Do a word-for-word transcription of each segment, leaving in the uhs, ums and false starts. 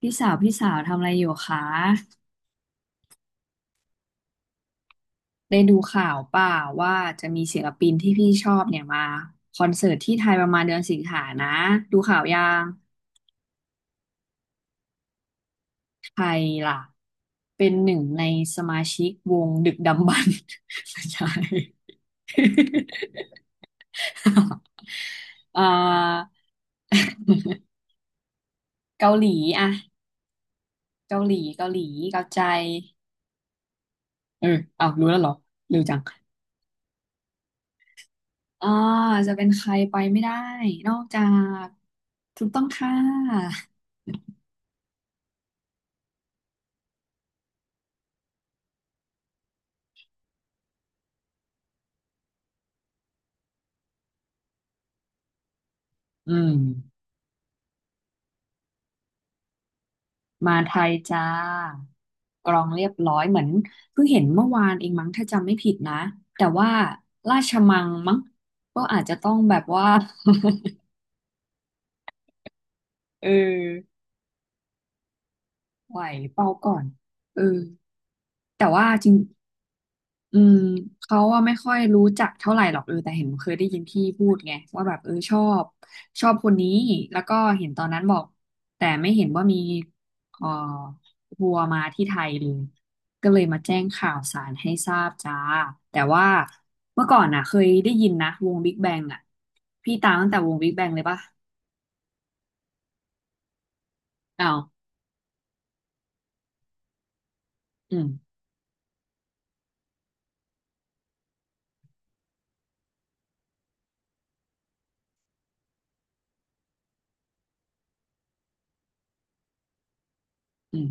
พี่สาวพี่สาวทำอะไรอยู่คะได้ดูข่าวเปล่าว่าจะมีศิลปินที่พี่ชอบเนี่ยมาคอนเสิร์ตที่ไทยประมาณเดือนสิงหานะดูข่าวยังไทยล่ะเป็นหนึ่งในสมาชิกวงดึกดำบรรพ์ ไม่ใช่ เอ่อ เกาหลีอะเกาหลีเกาหลีเกาใจเออเอารู้แล้วเหรอเร็วจัง อ่าจะเป็นใครไปไม่ได้นอกจากถูกต้องค่ะอืมมาไทยจ้ากรองเรียบร้อยเหมือนเพิ่งเห็นเมื่อวานเองมั้งถ้าจำไม่ผิดนะแต่ว่าราชมังมั้งก็อาจจะต้องแบบว่า เออไหวเปล่าก่อนเออ แต่ว่าจริงอืมเขาว่าไม่ค่อยรู้จักเท่าไหร่หรอกเออแต่เห็นเคยได้ยินพี่พูดไงว่าแบบเออชอบชอบคนนี้แล้วก็เห็นตอนนั้นบอกแต่ไม่เห็นว่ามีเอ่อทัวร์มาที่ไทยเลยก็เลยมาแจ้งข่าวสารให้ทราบจ้าแต่ว่าเมื่อก่อนน่ะเคยได้ยินนะวงบิ๊กแบงอ่ะพี่ตามตั้งแต่วงบิ๊กแบงเลยปะอ้าวอืมอืม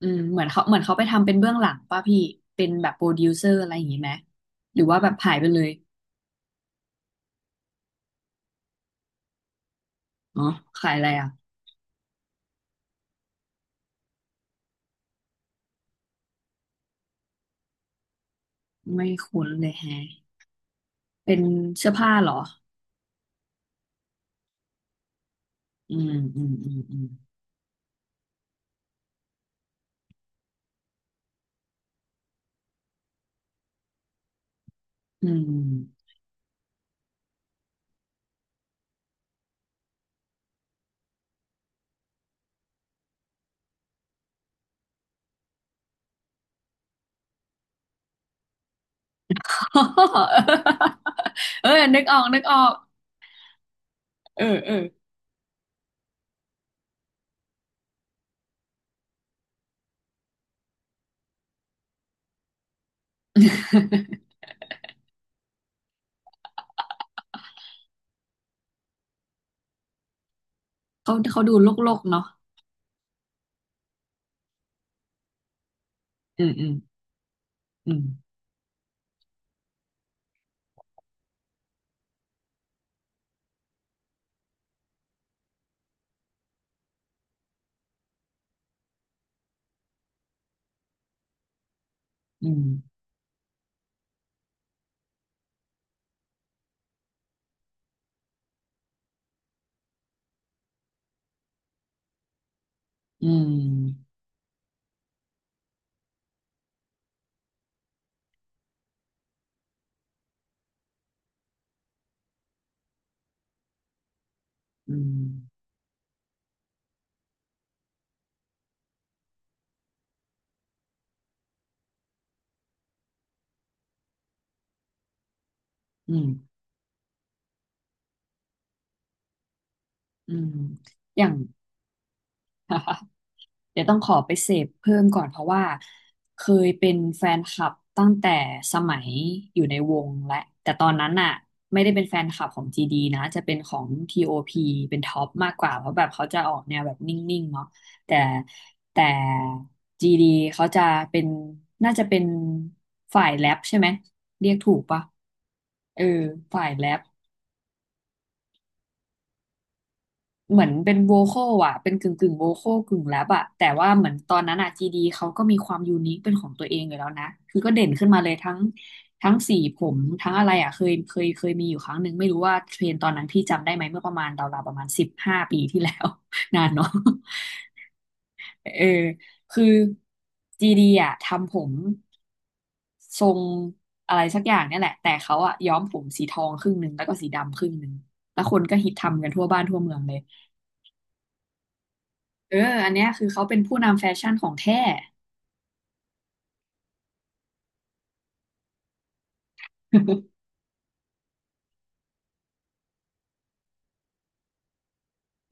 อืมเหมือนเขาเหมือนเขาไปทำเป็นเบื้องหลังป่ะพี่เป็นแบบโปรดิวเซอร์อะไรอย่างงี้ไหมหรือว่าแบบหายไปเลยอ๋อขายอะไรอ่ะไม่คุ้นเลยแฮะเป็นเสื้อผ้าเหรออืมอืมอืมอืมอืม เออนึกออกนึกออกเออเออ เขาเขาดูโลกโลกเนาะอืมอืมอืมอืมอืมอืมอืมอืมอย่าง เดี๋ยวต้องขอไปเสพเพิ่มก่อนเพราะว่าเคยเป็นแฟนคลับตั้งแต่สมัยอยู่ในวงและแต่ตอนนั้นน่ะไม่ได้เป็นแฟนคลับของ จี ดี นะจะเป็นของ ท็อป เป็นท็อปมากกว่าเพราะแบบเขาจะออกแนวแบบนิ่งๆเนาะแต่แต่ จี ดี เขาจะเป็นน่าจะเป็นฝ่ายแรปใช่ไหมเรียกถูกปะเออฝ่ายแรป เหมือนเป็นโวคอลอ่ะเป็นกึ่งกึ่งโวคอลกึ่งแรปอ่ะแต่ว่าเหมือนตอนนั้นอ่ะจีดีเขาก็มีความยูนิคเป็นของตัวเองอยู่แล้วนะ คือก็เด่นขึ้นมาเลยทั้งทั้งสีผมทั้งอะไรอ่ะเคยเคยเคยมีอยู่ครั้งหนึ่งไม่รู้ว่าเทรนด์ตอนนั้นพี่จำได้ไหมเมื่อประมาณราวๆประมาณสิบห้าปีที่แล้ว นานเนาะเออคือจีดีอ่ะทำผมทรงอะไรสักอย่างเนี่ยแหละแต่เขาอ่ะย้อมผมสีทองครึ่งหนึ่งแล้วก็สีดำครึ่งหนึ่งแล้วคนก็ฮิตทำกันทั่วบ้านทั่วเมืองเลย เอออันเนี้ยคือเขาเป็นผู้นำแฟชั่นของแท้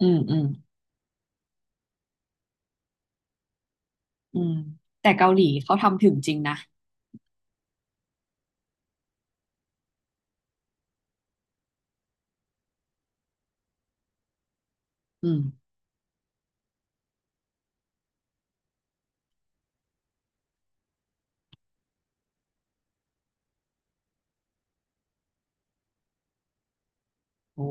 อืมอืมอืมแต่เกาหลีเขาทำถึงจริงนะอืมโอ้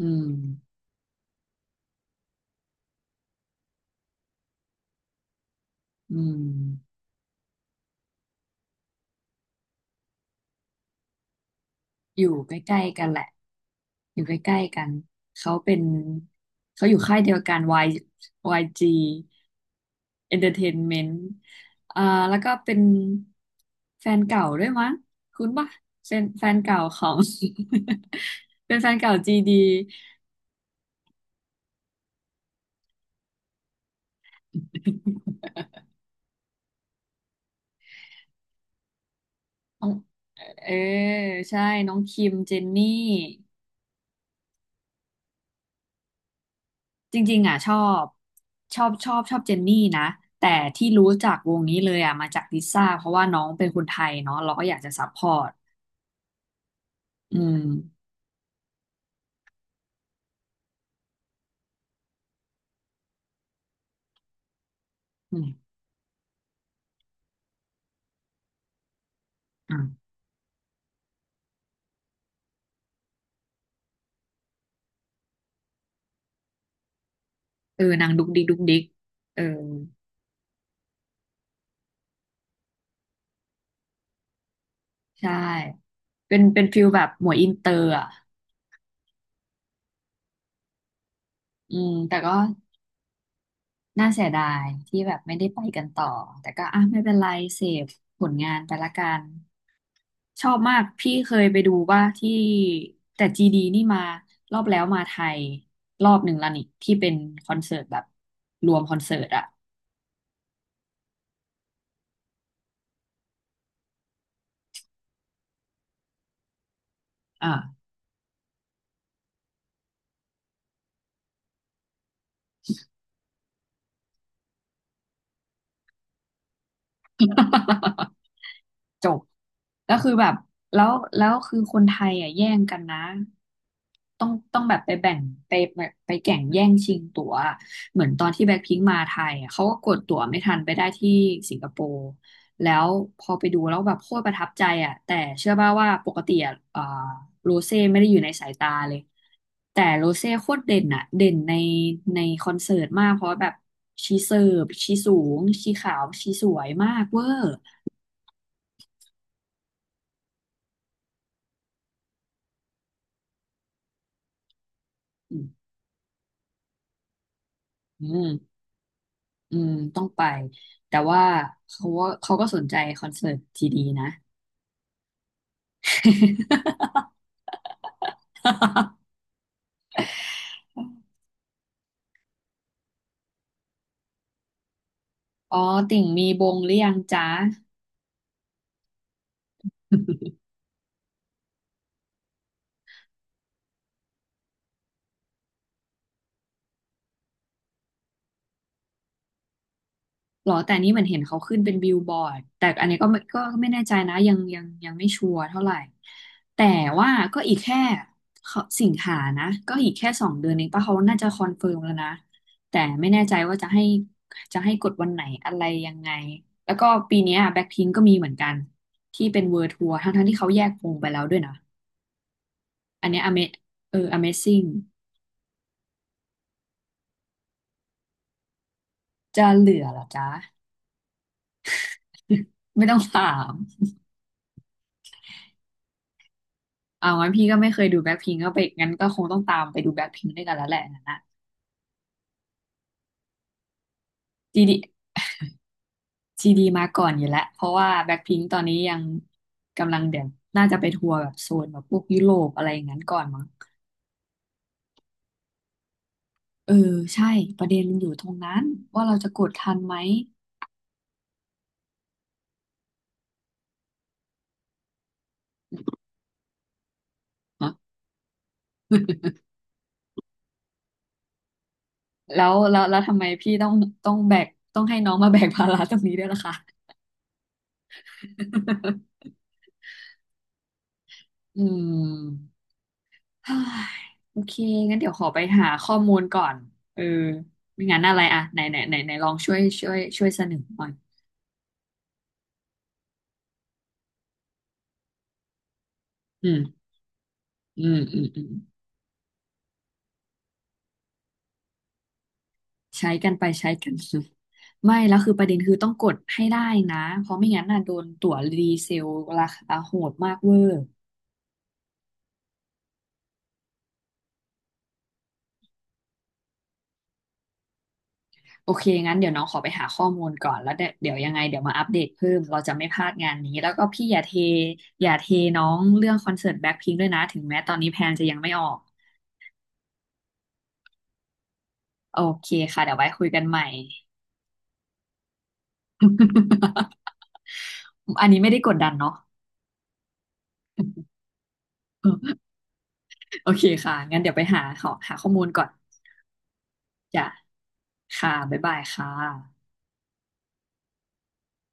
อืมอืมอยู่ใกล้ๆกันแหละ อยู่ใกล้ๆกัน เขาเป็นเขาอยู่ค่ายเดียวกัน Y วาย จี เอนเตอร์เทนเมนต์ อ่าแล้วก็เป็นแฟนเก่าด้วยมั้งคุ้นปะเป็นแฟนเก่าของ เป็นแฟนเก่าจีดี น้องเออใช่น้องคิมเจนนี่จริงๆอ่ะชอบชอบชอบชอบเจนนี่นะแต่ที่รู้จักวงนี้เลยอ่ะมาจากลิซ่าเพราะว่าน้องเป็นคนไทยเนาะเราก็อยากจะซัพพอร์ตอืมอืมอ่ะเออนางดุกดิกดุกดิกเออใช่เป็นเป็นฟิลแบบหมวยอินเตอร์อ่ะอืมแต่ก็ น่าเสียดายที่แบบไม่ได้ไปกันต่อแต่ก็อ่ะไม่เป็นไรเสพผลงานไปละกันชอบมากพี่เคยไปดูว่าที่แต่จีดีนี่มารอบแล้วมาไทยรอบหนึ่งแล้วนี่ที่เป็นคอนเสิร์ตแบบรวมคอนเสิร์ตอะอ่า จบ แล้วคือแบบ แล้วแล้วคือคนไทยอ่ะแย่งกันนะ ต้องต้องแบบไปแบ่งไปไปไปแข่งแย่งชิงตั๋วเหมือนตอนที่แบ็คพิงค์มาไทยอ่ะเขาก็กดตั๋วไม่ทันไปได้ที่สิงคโปร์แล้วพอไปดูแล้วแบบโคตรประทับใจอ่ะแต่เชื่อป่าวว่าปกติอ่ะเอ่อโรเซ่ไม่ได้อยู่ในสายตาเลย แต่โรเซ่โคตรเด่นอ่ะเด่นในในคอนเสิร์ตมาก เพราะแบบชีเสิร์ฟชีสูง ชีขาวชีสวยมากเวอร์ อืมอืมต้องไป แต่ว่าเขาว่าเขาก็สนใจคอนเสิร์ตทีดีนะ อ๋อ ติ่งมีบงหรือยังจ๊ะ หรอแต่อันนี้เหมือนเห็นเขาขึ้นเป็นบิลบอร์ดแต่อันนี้ก็ไม่ก็ไม่แน่ใจนะยังยังยังไม่ชัวร์เท่าไหร่แต่ว่าก็อีกแค่เขาสิงหานะก็อีกแค่สองเดือนเองป่ะเขาน่าจะคอนเฟิร์มแล้วนะแต่ไม่แน่ใจว่าจะให้จะให้กดวันไหนอะไรยังไงแล้วก็ปีเนี้แบ็คพิงก็มีเหมือนกันที่เป็นเวิ l d t ทัวร์ทั้งทั้งที่เขาแยกวงไปแล้วด้วยนะอันเนี้ยอเมเออ Amazing จะเหลือเหรอจ๊ะไม่ต้องถาม เอางั้นพี่ก็ไม่เคยดูแบ็คพิงก็ไปงั้นก็คงต้องตามไปดูแบ็คพิงด้วยกันแล้วแหละนะนะจีดีจีดีมาก่อนอยู่แล้วเพราะว่าแบ็คพิงตอนนี้ยังกำลังเดี๋ยวน่าจะไปทัวร์แบบโซนแบบพวกยุโรปอะไรอย่างนั้นก่อนมั้งเออใช่ประเด็นมันอยู่ตรงนั้นว่าเราจะกดทันไหมฮะแล้วแล้วแล้วทำไมพี่ต้องต้องแบกต้องให้น้องมาแบกภาระตรงนี้ด้วยล่ะคะ อืม เฮ้ยโอเคงั้นเดี๋ยวขอไปหาข้อมูลก่อนเออไม่งั้นอะไรอะไหนไหนไหนไหนลองช่วยช่วยช่วยเสนอหน่อยอืมอืมอืมอืมใช้กันไปใช้กันมาไม่แล้วคือประเด็นคือต้องกดให้ได้นะเพราะไม่งั้นน่ะโดนตั๋วรีเซลราคาโหดมากเวอร์โอเคงั้นเดี๋ยวน้องขอไปหาข้อมูลก่อนแล้วเดี๋ยวเดี๋ยวยังไงเดี๋ยวมาอัปเดตเพิ่มเราจะไม่พลาดงานนี้แล้วก็พี่อย่าเทอย่าเทน้องเรื่องคอนเสิร์ตแบ็คพิงค์ด้วยนะถึงแม้ตอนนี้แพลนจะยังไม่ออก โอเคค่ะเดี๋ยวไว้คุยกันใหม่ อันนี้ไม่ได้กดดันเนาะ โอเคค่ะงั้นเดี๋ยวไปหาขอหาข้อมูลก่อนจ้ะค่ะบ๊ายบายค่ะ